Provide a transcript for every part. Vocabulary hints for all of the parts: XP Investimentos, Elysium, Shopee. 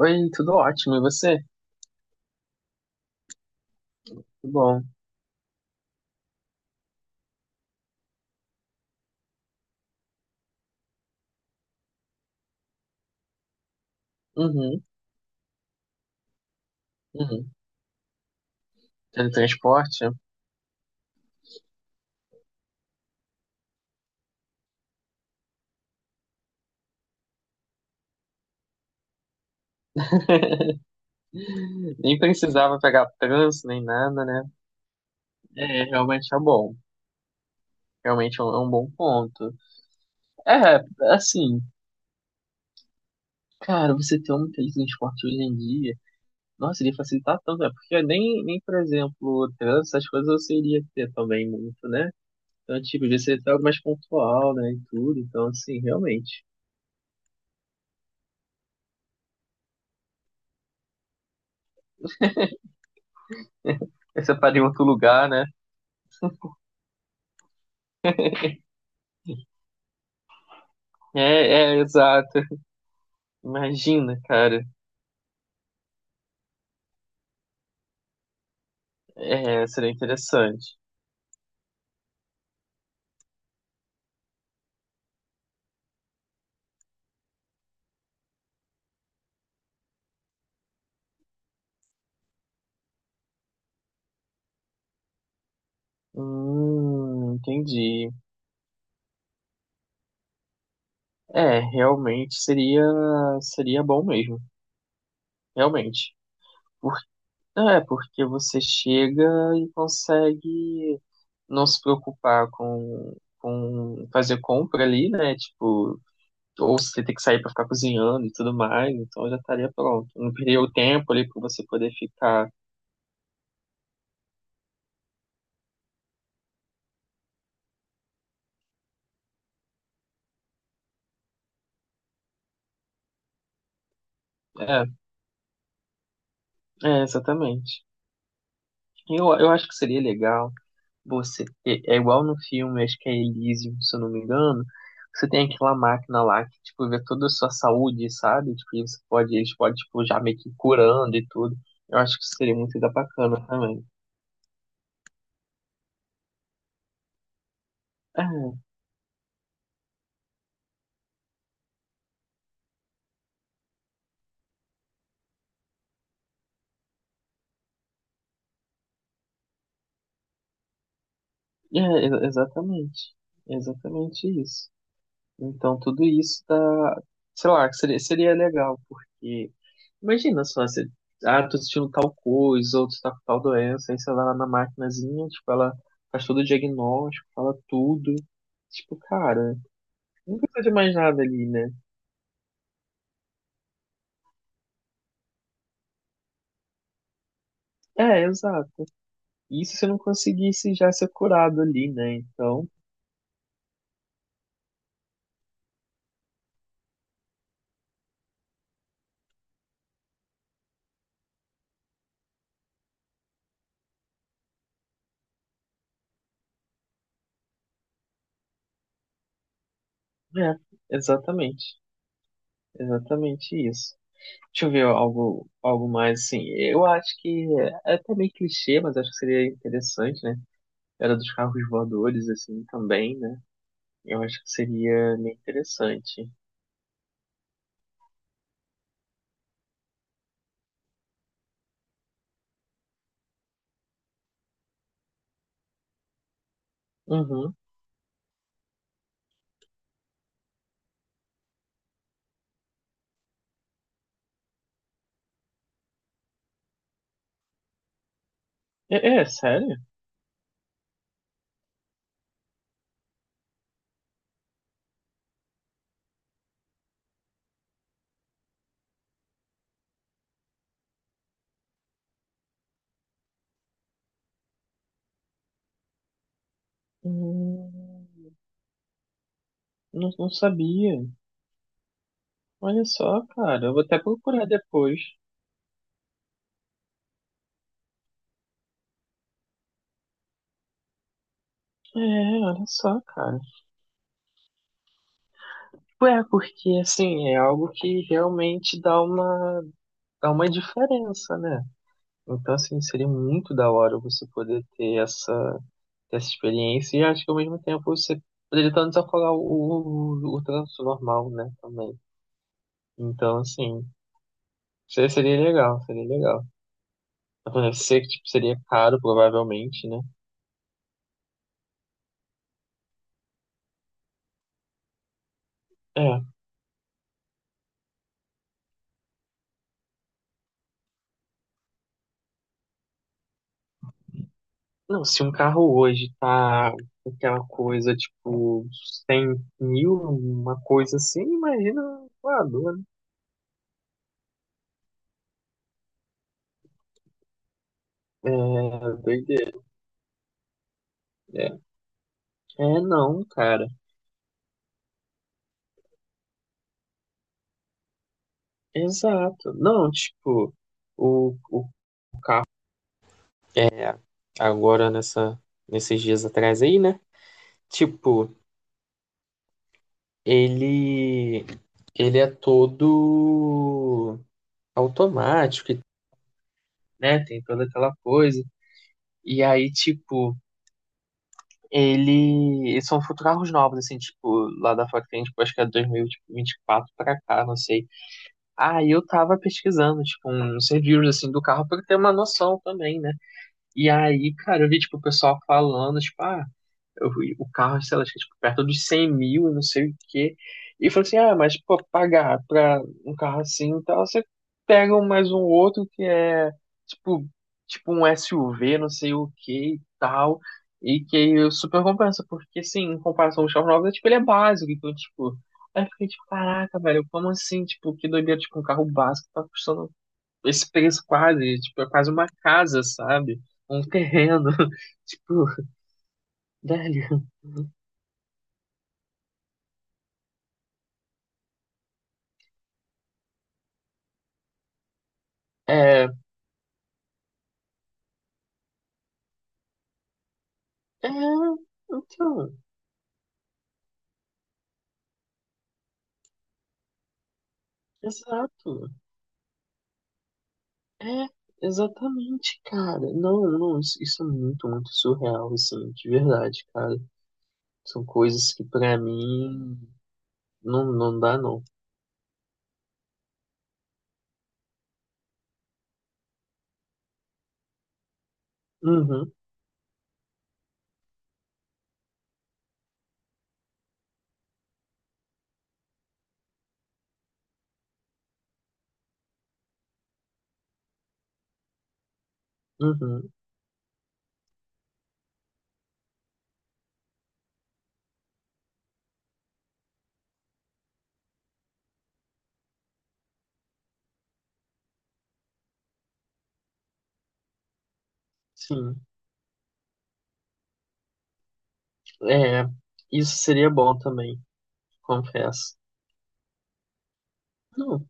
Oi, tudo ótimo, e você? Tudo bom? Uhum, uhum. Teletransporte? Nem precisava pegar trânsito, nem nada, né? É, realmente é bom. Realmente é um bom ponto. É, assim, cara, você ter um teletransporte hoje em dia, nossa, iria facilitar tanto, né? Porque nem, por exemplo, o trânsito, essas coisas você iria ter também muito, né? Então, tipo, ia ser algo mais pontual, né, e tudo. Então, assim, realmente. Aí você para em outro lugar, né? É, é, exato. Imagina, cara. É, seria interessante. Entendi. É, realmente seria bom mesmo, realmente. Por, é, porque você chega e consegue não se preocupar com fazer compra ali, né? Tipo, ou você ter que sair para ficar cozinhando e tudo mais, então já estaria pronto. Não perderia o tempo ali para você poder ficar. É, é, exatamente. Eu acho que seria legal. Você é igual no filme, acho que é Elysium, se eu não me engano. Você tem aquela máquina lá que tipo vê toda a sua saúde, sabe? Tipo, e você pode, eles podem tipo já meio que ir curando e tudo. Eu acho que isso seria muito da bacana também. É, é, exatamente. Exatamente isso. Então, tudo isso tá, sei lá, seria, seria legal, porque imagina só, você, ah, tô sentindo tal coisa, ou tu tá com tal doença, aí você vai lá na maquinazinha, tipo, ela faz todo o diagnóstico, fala tudo. Tipo, cara, não precisa de mais nada ali, né? É, exato. Isso se não conseguisse já ser curado ali, né? Então, é, exatamente. Exatamente isso. Deixa eu ver algo, algo mais assim. Eu acho que é até meio clichê, mas acho que seria interessante, né? Era dos carros voadores, assim, também, né? Eu acho que seria meio interessante. Uhum. É, é, sério? Hum, não, não sabia. Olha só, cara. Eu vou até procurar depois. É, olha só, cara. Tipo, é, porque assim, é algo que realmente dá uma diferença, né? Então, assim, seria muito da hora você poder ter essa experiência e acho que ao mesmo tempo você poderia tanto desafogar o, o trânsito normal, né? Também. Então, assim, seria legal, seria legal. Mas, mano, eu sei que, tipo, seria caro, provavelmente, né? É. Não, se um carro hoje tá com aquela coisa, tipo, 100 mil, uma coisa assim, imagina um voador, né? É, doideira. É, é, não, cara. Exato. Não, tipo, o é agora nessa nesses dias atrás aí, né? Tipo, ele ele é todo automático, e, né? Tem toda aquela coisa. E aí, tipo, ele. Eles são carros novos, assim, tipo, lá da fora que tem, tipo, acho que é 2024 pra cá, não sei. Aí eu tava pesquisando, tipo, uns reviews, assim, do carro pra eu ter uma noção também, né? E aí, cara, eu vi, tipo, o pessoal falando, tipo, ah. Eu vi o carro, sei lá, acho que, é, tipo, perto dos 100 mil, não sei o quê. E falou assim, ah, mas pô, pagar pra um carro assim, então você pega um- mais um outro que é tipo, tipo um SUV, não sei o que e tal. E que aí super compensa, porque assim, em comparação ao X9, tipo, ele é básico, então, tipo, aí eu fiquei tipo, caraca, velho, como assim? Tipo, que doideira, tipo, um carro básico tá custando esse preço quase, tipo, é quase uma casa, sabe? Um terreno, tipo, velho. É, é, então, exato. É, exatamente, cara. Não, não, isso é muito, muito surreal, assim, de verdade, cara. São coisas que pra mim não, não dá, não. Uhum, uhum, sim. É, isso seria bom também, confesso. Não,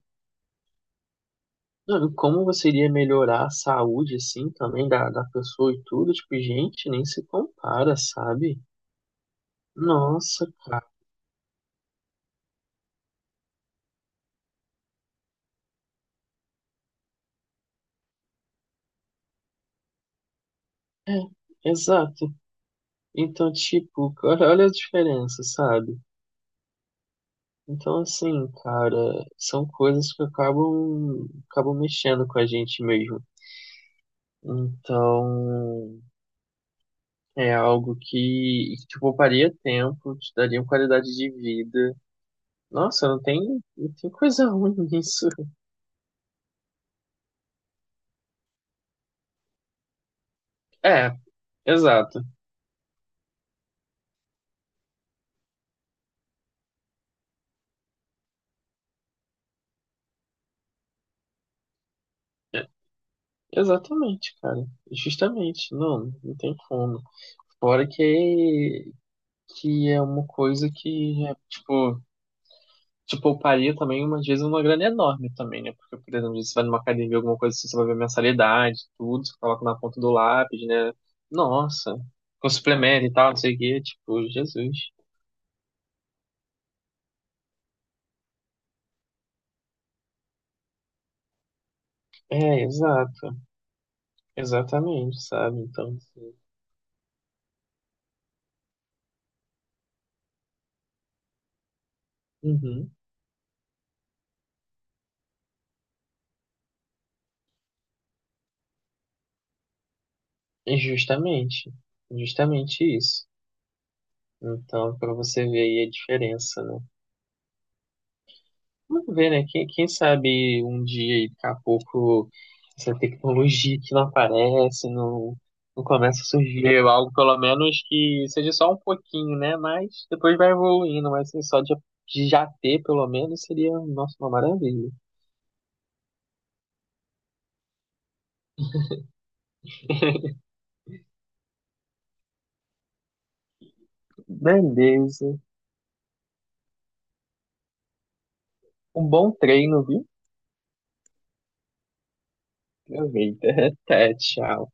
não, e como você iria melhorar a saúde, assim, também da pessoa e tudo, tipo, gente, nem se compara, sabe? Nossa, cara. É, exato. Então, tipo, cara, olha a diferença, sabe? Então, assim, cara, são coisas que acabam mexendo com a gente mesmo. Então, é algo que te pouparia tempo, te daria uma qualidade de vida. Nossa, não tem, não tem coisa ruim nisso. É, exato. É, exatamente, cara. Justamente. Não, não tem como. Fora que é uma coisa que, é, tipo, te pouparia também, umas vezes, uma grana enorme também, né? Porque, por exemplo, você vai numa academia, alguma coisa assim, você vai ver mensalidade, tudo, você coloca na ponta do lápis, né? Nossa, com suplemento e tal, não sei o quê, tipo, Jesus. É, exato, exatamente, sabe? Então, assim, uhum. E justamente, justamente isso. Então, para você ver aí a diferença, né? Vamos ver, né? Quem sabe um dia, aí, daqui a pouco, essa tecnologia que não aparece, não, não começa a surgir algo, pelo menos que seja só um pouquinho, né? Mas depois vai evoluindo, mas assim, só de já ter, pelo menos, seria, nossa, uma maravilha. Beleza. Um bom treino, viu? Aproveita. Até, tchau.